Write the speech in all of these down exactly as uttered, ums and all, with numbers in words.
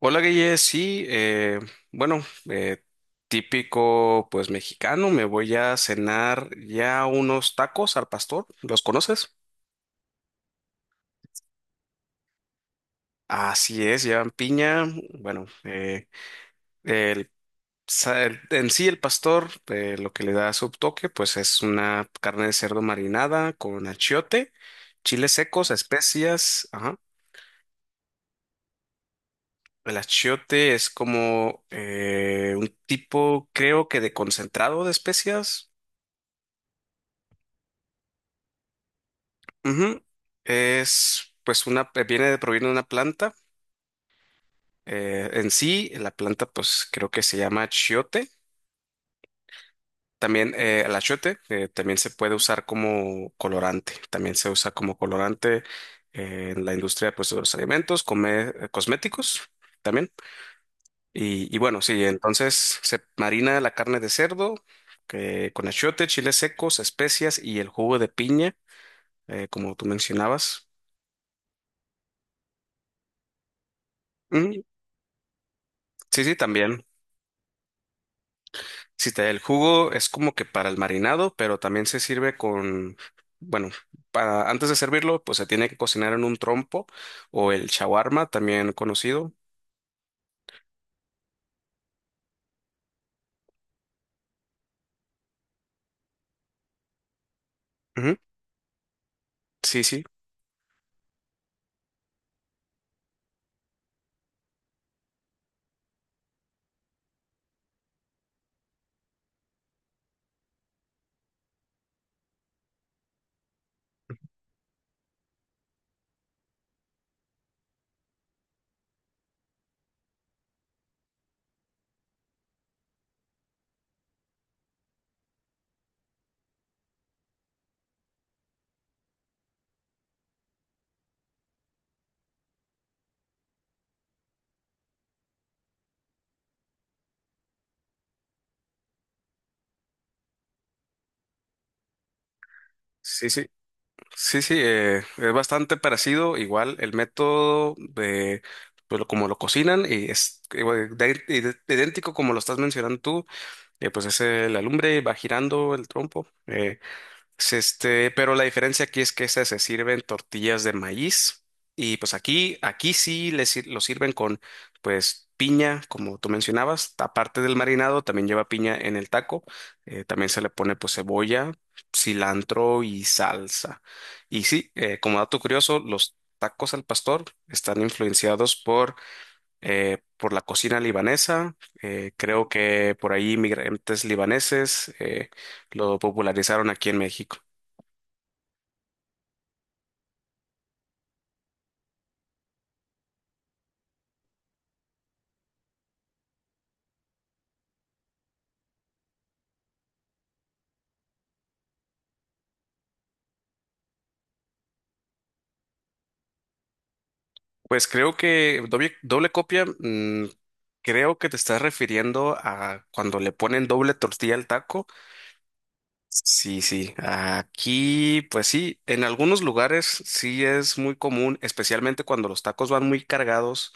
Hola Guille, sí, eh, bueno, eh, típico pues mexicano, me voy a cenar ya unos tacos al pastor, ¿los conoces? Así es, llevan piña, bueno, eh, el, sa- el- en sí el pastor, eh, lo que le da su toque pues es una carne de cerdo marinada con achiote, chiles secos, especias, ajá. El achiote es como eh, un tipo, creo que de concentrado de especias. Ujú. Es, pues, una, eh, viene de, proviene de una planta. Eh, en sí, la planta, pues, creo que se llama chiote. También, eh, el achiote, eh, también se puede usar como colorante. También se usa como colorante eh, en la industria, pues, de los alimentos, come- eh, cosméticos también. Y, y bueno, sí, entonces se marina la carne de cerdo que, con achiote, chiles secos, especias y el jugo de piña, eh, como tú mencionabas. Ujú. Sí, sí, también. Si te da el jugo, es como que para el marinado, pero también se sirve con, bueno, para, antes de servirlo, pues se tiene que cocinar en un trompo o el shawarma, también conocido. Ujú. Sí, sí, sí, sí, sí, sí, eh, es bastante parecido, igual el método de, pues lo- como lo cocinan y es igual, de- de- idéntico como lo estás mencionando tú, eh, pues es eh, la lumbre, va girando el trompo. eh, Es este, pero la diferencia aquí es que esas se sirven tortillas de maíz y pues aquí, aquí sí le sir- lo sirven con pues piña, como tú mencionabas, aparte del marinado también lleva piña en el taco, eh, también se le pone pues cebolla, cilantro y salsa. Y sí, eh, como dato curioso, los tacos al pastor están influenciados por, eh, por la cocina libanesa, eh, creo que por ahí inmigrantes libaneses eh, lo popularizaron aquí en México. Pues creo que doble, doble copia, mm, creo que te estás refiriendo a cuando le ponen doble tortilla al taco. Sí, sí, aquí pues sí, en algunos lugares sí es muy común, especialmente cuando los tacos van muy cargados,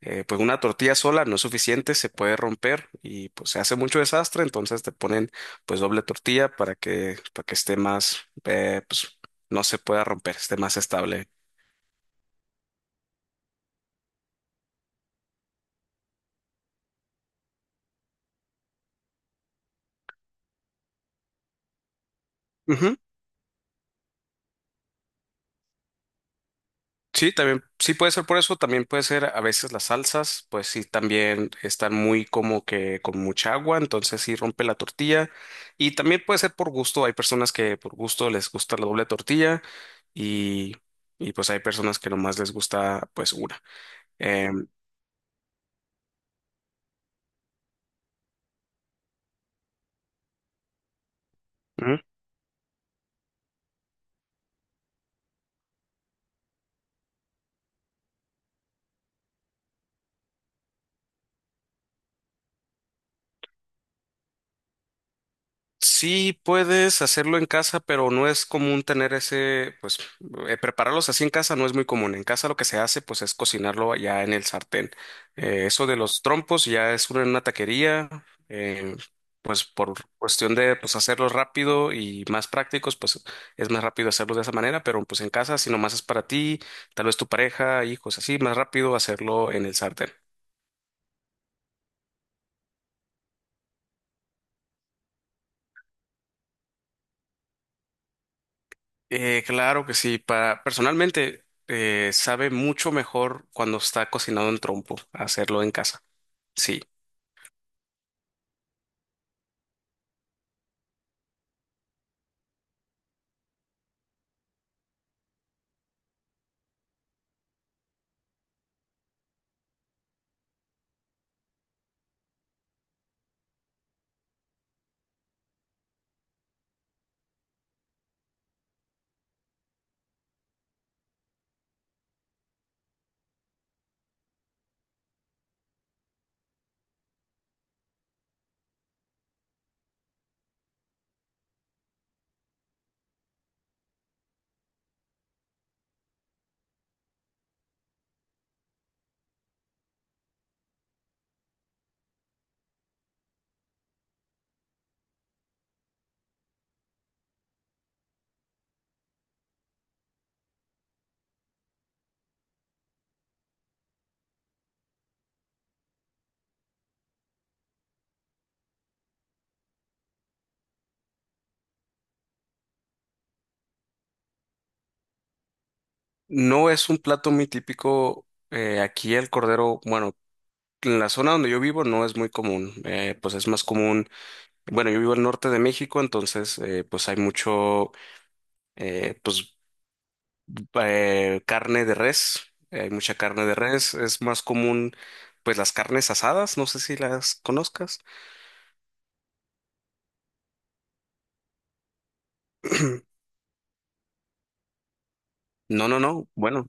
eh, pues una tortilla sola no es suficiente, se puede romper y pues se hace mucho desastre, entonces te ponen pues doble tortilla para que, para que esté más, eh, pues no se pueda romper, esté más estable. Sí, también, sí puede ser por eso, también puede ser a veces las salsas, pues sí, también están muy como que con mucha agua, entonces sí rompe la tortilla. Y también puede ser por gusto, hay personas que por gusto les gusta la doble tortilla y, y pues hay personas que nomás les gusta pues una. Em, Sí, puedes hacerlo en casa, pero no es común tener ese, pues, eh, prepararlos así en casa no es muy común. En casa lo que se hace, pues, es cocinarlo ya en el sartén. Eh, eso de los trompos ya es una, en una taquería, eh, pues, por cuestión de, pues, hacerlos rápido y más prácticos, pues, es más rápido hacerlos de esa manera, pero, pues, en casa, si nomás es para ti, tal vez tu pareja, hijos, así, más rápido hacerlo en el sartén. Eh, claro que sí. Para, personalmente, eh, sabe mucho mejor cuando está cocinado en trompo, hacerlo en casa. Sí. No es un plato muy típico. Eh, aquí el cordero, bueno, en la zona donde yo vivo no es muy común. Eh, pues es más común. Bueno, yo vivo al norte de México, entonces eh, pues hay mucho, eh, pues eh, carne de res. Hay mucha carne de res. Es más común, pues las carnes asadas. No sé si las conozcas. No, no, no. Bueno.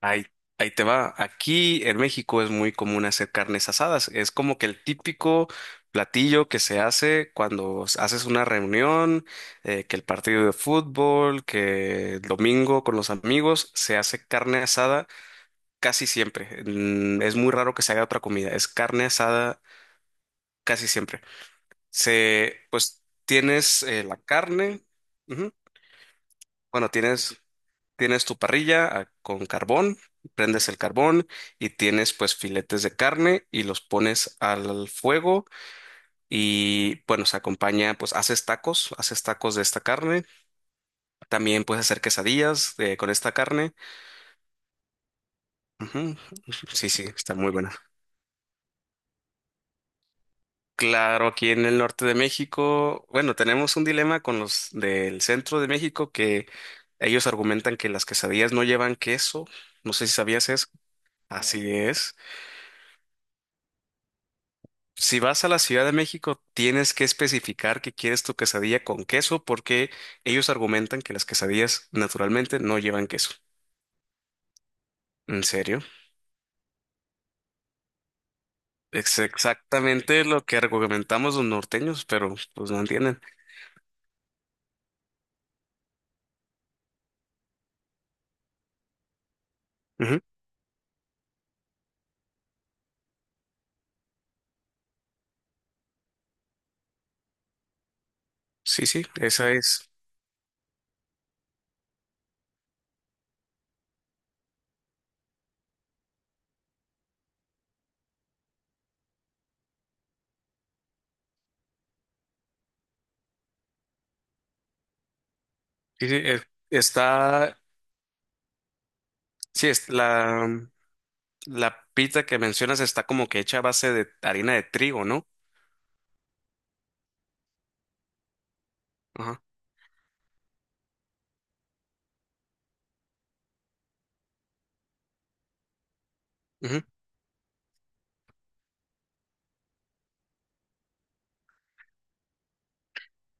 Ahí, ahí te va. Aquí en México es muy común hacer carnes asadas. Es como que el típico platillo que se hace cuando s- haces una reunión, eh, que el partido de fútbol, que el domingo con los amigos, se hace carne asada casi siempre. Mm, es muy raro que se haga otra comida. Es carne asada casi siempre. Se, pues tienes eh, la carne. Ujú. Bueno, tienes. Tienes tu parrilla, ah, con carbón, prendes el carbón y tienes pues filetes de carne y los pones al fuego y bueno, se acompaña, pues haces tacos, haces tacos de esta carne. También puedes hacer quesadillas eh, con esta carne. Ujú. Sí, sí, está muy buena. Claro, aquí en el norte de México, bueno, tenemos un dilema con los del centro de México que ellos argumentan que las quesadillas no llevan queso. No sé si sabías eso. No, así es. Si vas a la Ciudad de México, tienes que especificar que quieres tu quesadilla con queso porque ellos argumentan que las quesadillas naturalmente no llevan queso. ¿En serio? Es exactamente lo que argumentamos los norteños, pero pues no entienden. Ujú. Sí, sí, esa es. Sí, sí, eh, está, sí, es la, la pita que mencionas está como que hecha a base de harina de trigo, ¿no? Ajá.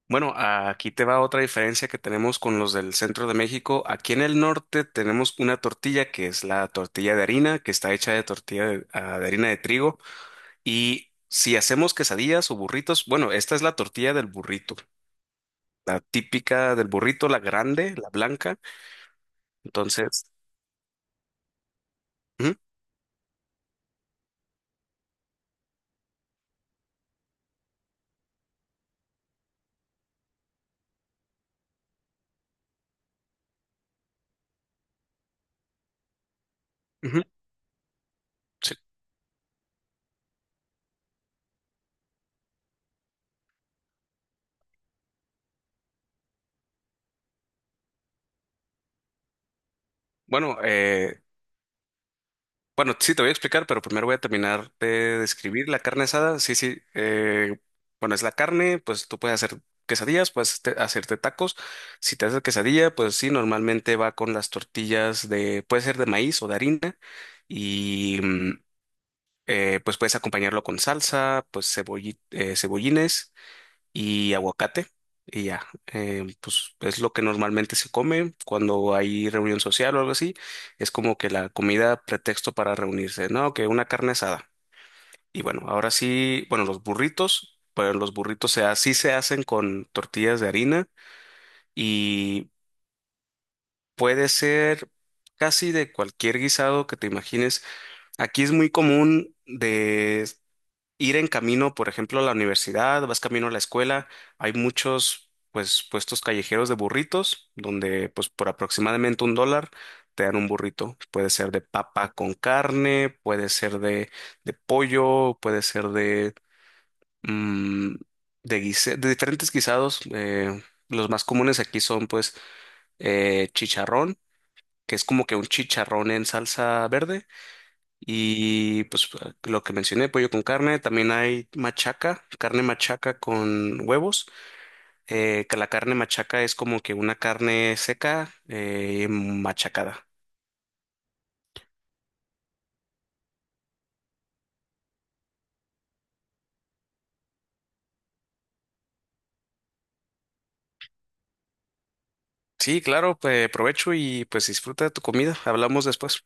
Bueno, aquí te va otra diferencia que tenemos con los del centro de México. Aquí en el norte tenemos una tortilla que es la tortilla de harina, que está hecha de tortilla de, ah, de harina de trigo. Y si hacemos quesadillas o burritos, bueno, esta es la tortilla del burrito, la típica del burrito, la grande, la blanca. Entonces, ujú, ujú, sí. Bueno, eh, Bueno, sí, te voy a explicar, pero primero voy a terminar de describir la carne asada. Sí, sí. Eh, bueno, es la carne, pues tú puedes hacer quesadillas, puedes te- hacerte tacos. Si te haces quesadilla, pues sí, normalmente va con las tortillas de, puede ser de maíz o de harina. Y mm, eh, pues puedes acompañarlo con salsa, pues cebolli- eh, cebollines y aguacate y ya. Eh, pues es lo que normalmente se come cuando hay reunión social o algo así. Es como que la comida pretexto para reunirse, ¿no? Que una carne asada. Y bueno, ahora sí, bueno, los burritos, pero los burritos se, así se hacen con tortillas de harina y puede ser casi de cualquier guisado que te imagines. Aquí es muy común de... ir en camino, por ejemplo, a la universidad, vas camino a la escuela, hay muchos pues puestos callejeros de burritos donde pues por aproximadamente un dólar te dan un burrito. Puede ser de papa con carne, puede ser de, de pollo, puede ser de, mm, de, guise- de diferentes guisados. Eh, los más comunes aquí son pues eh, chicharrón, que es como que un chicharrón en salsa verde. Y pues lo que mencioné, pollo con carne, también hay machaca, carne machaca con huevos, eh, que la carne machaca es como que una carne seca eh, machacada. Sí, claro, pues provecho y pues disfruta de tu comida. Hablamos después.